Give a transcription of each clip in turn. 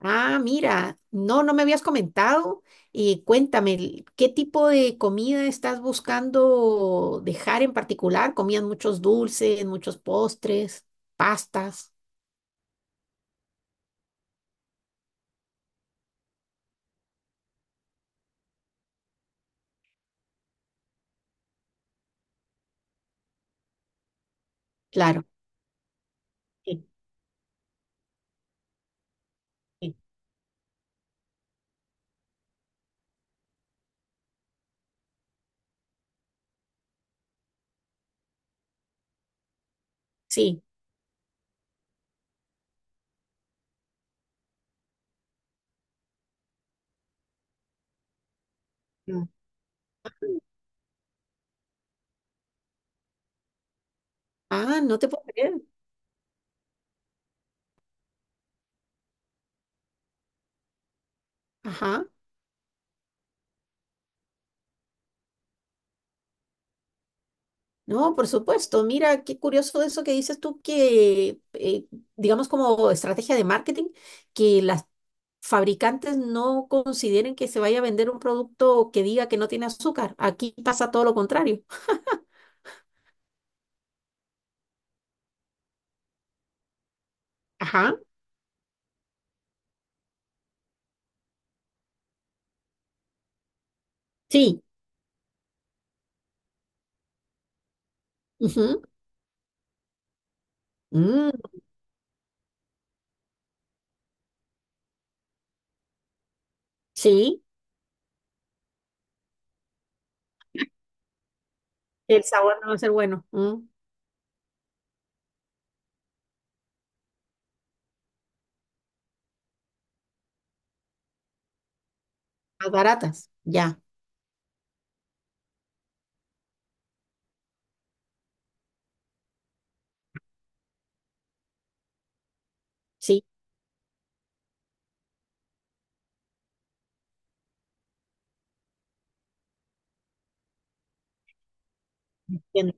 Ah, mira, no, no me habías comentado. Y cuéntame, ¿qué tipo de comida estás buscando dejar en particular? ¿Comían muchos dulces, muchos postres, pastas? Claro. Sí, sí. Sí. Mm. Ah, no te puedo creer. Ajá. No, por supuesto. Mira, qué curioso eso que dices tú, que digamos, como estrategia de marketing, que las fabricantes no consideren que se vaya a vender un producto que diga que no tiene azúcar. Aquí pasa todo lo contrario. Ajá, sí. Ujú. Mm. Sí, el sabor no va a ser bueno. Mm. Más baratas, ya. Sí. Entiendo.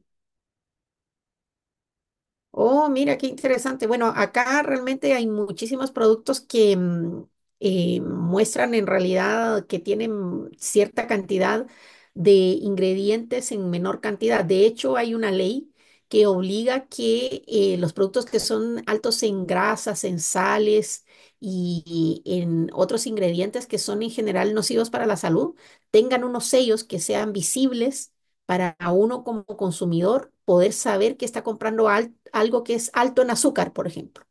Oh, mira, qué interesante. Bueno, acá realmente hay muchísimos productos que muestran en realidad que tienen cierta cantidad de ingredientes en menor cantidad. De hecho, hay una ley que obliga que los productos que son altos en grasas, en sales y en otros ingredientes que son en general nocivos para la salud, tengan unos sellos que sean visibles para uno como consumidor poder saber que está comprando algo que es alto en azúcar, por ejemplo.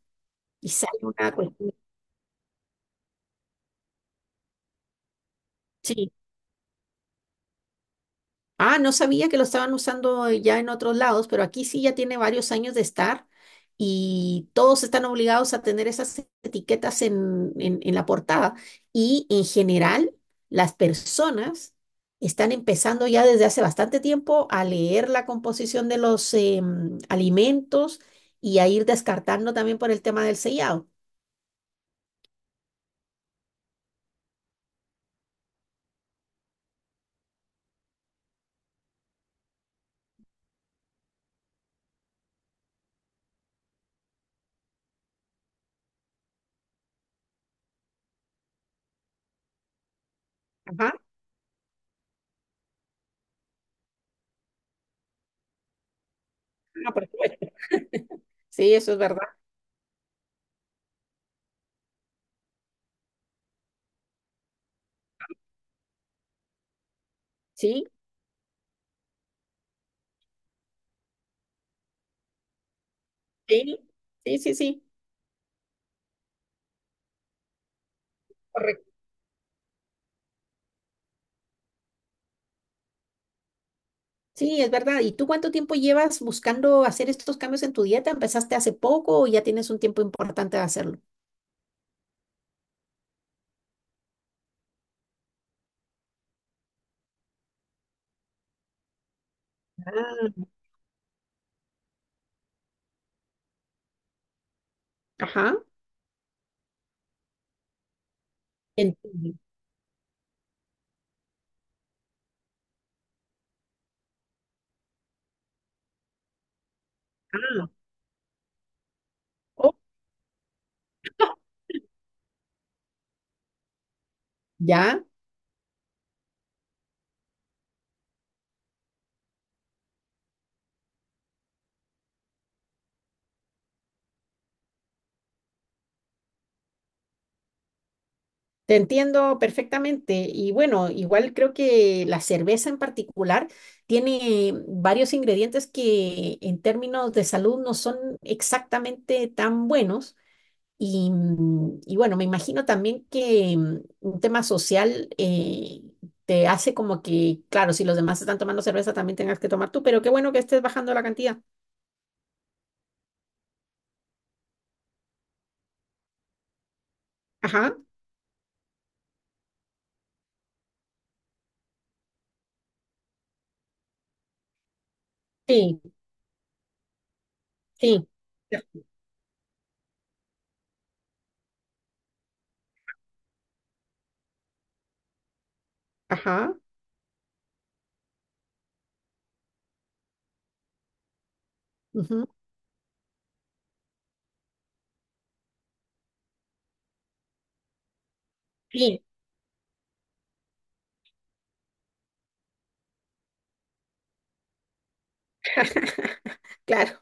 Y sale una cuestión, sí. Ah, no sabía que lo estaban usando ya en otros lados, pero aquí sí ya tiene varios años de estar y todos están obligados a tener esas etiquetas en, en la portada. Y en general, las personas están empezando ya desde hace bastante tiempo a leer la composición de los alimentos y a ir descartando también por el tema del sellado. Ajá, ah, por supuesto. Sí, eso es verdad. Sí, sí, sí, sí, sí. Sí, es verdad. ¿Y tú cuánto tiempo llevas buscando hacer estos cambios en tu dieta? ¿Empezaste hace poco o ya tienes un tiempo importante de hacerlo? Ah. Ajá. Entiendo. Ah, oh, ya. Te entiendo perfectamente. Y bueno, igual creo que la cerveza en particular tiene varios ingredientes que en términos de salud no son exactamente tan buenos. Y, y bueno, me imagino también que un tema social te hace como que, claro, si los demás están tomando cerveza, también tengas que tomar tú, pero qué bueno que estés bajando la cantidad. Ajá, sí, sí. Ya. Ajá. Ujú. Sí, claro.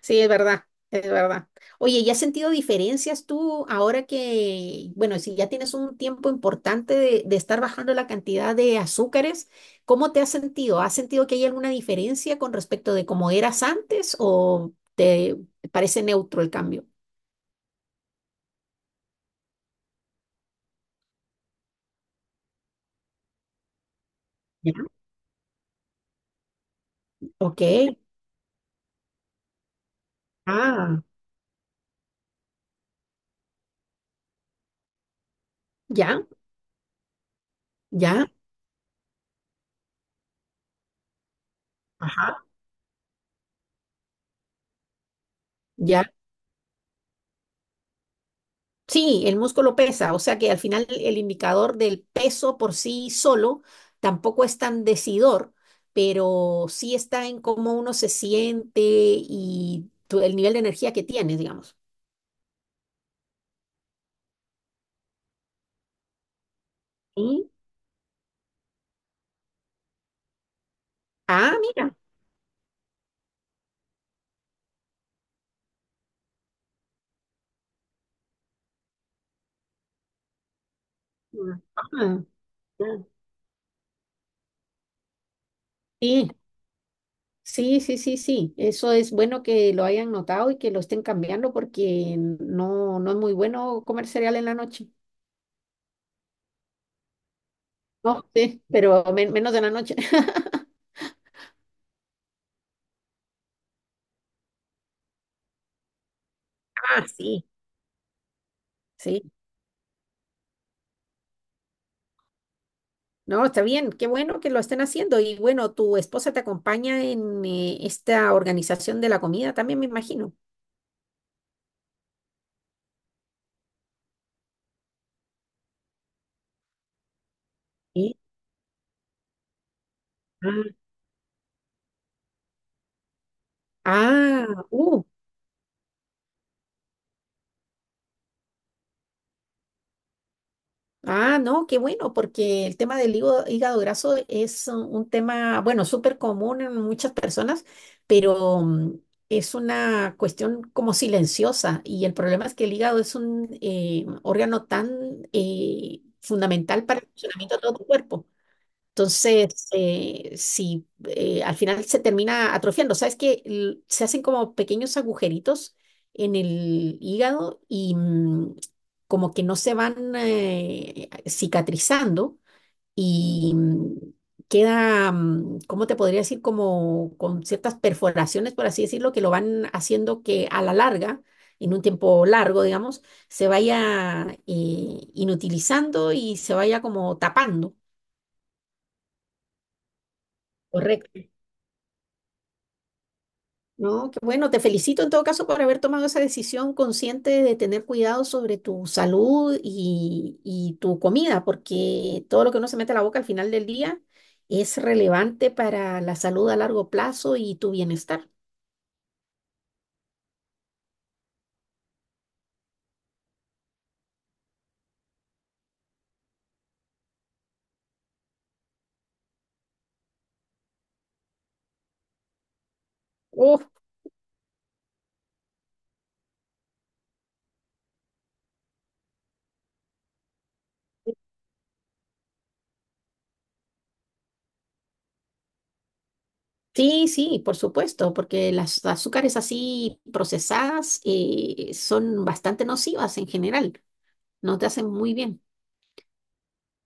Sí, es verdad, es verdad. Oye, ¿y has sentido diferencias tú ahora que, bueno, si ya tienes un tiempo importante de estar bajando la cantidad de azúcares, cómo te has sentido? ¿Has sentido que hay alguna diferencia con respecto de cómo eras antes o te parece neutro el cambio? Ya. Ok. Ah, ya, ya. Ajá. Ya. Sí, el músculo pesa, o sea que al final el indicador del peso por sí solo tampoco es tan decidor, pero sí está en cómo uno se siente y el nivel de energía que tienes, digamos. Sí. Ah, mira. Ajá. Sí, sí, sí, sí, sí. Eso es bueno que lo hayan notado y que lo estén cambiando porque no, no es muy bueno comer cereal en la noche. No, sí, pero menos en la noche. Ah, sí. Sí. No, está bien, qué bueno que lo estén haciendo. Y bueno, tu esposa te acompaña en esta organización de la comida también, me imagino. Sí. Ah, ah, ah, no, qué bueno, porque el tema del hígado, hígado graso es un tema, bueno, súper común en muchas personas, pero es una cuestión como silenciosa. Y el problema es que el hígado es un órgano tan fundamental para el funcionamiento de todo tu cuerpo. Entonces, si al final se termina atrofiando, ¿sabes? Que se hacen como pequeños agujeritos en el hígado y, como que no se van cicatrizando y, queda, ¿cómo te podría decir? Como con ciertas perforaciones, por así decirlo, que lo van haciendo que a la larga, en un tiempo largo, digamos, se vaya inutilizando y se vaya como tapando. Correcto. No, qué bueno, te felicito en todo caso por haber tomado esa decisión consciente de tener cuidado sobre tu salud y tu comida, porque todo lo que uno se mete a la boca al final del día es relevante para la salud a largo plazo y tu bienestar. Oh, sí, sí, por supuesto, porque las azúcares así procesadas son bastante nocivas en general, no te hacen muy bien.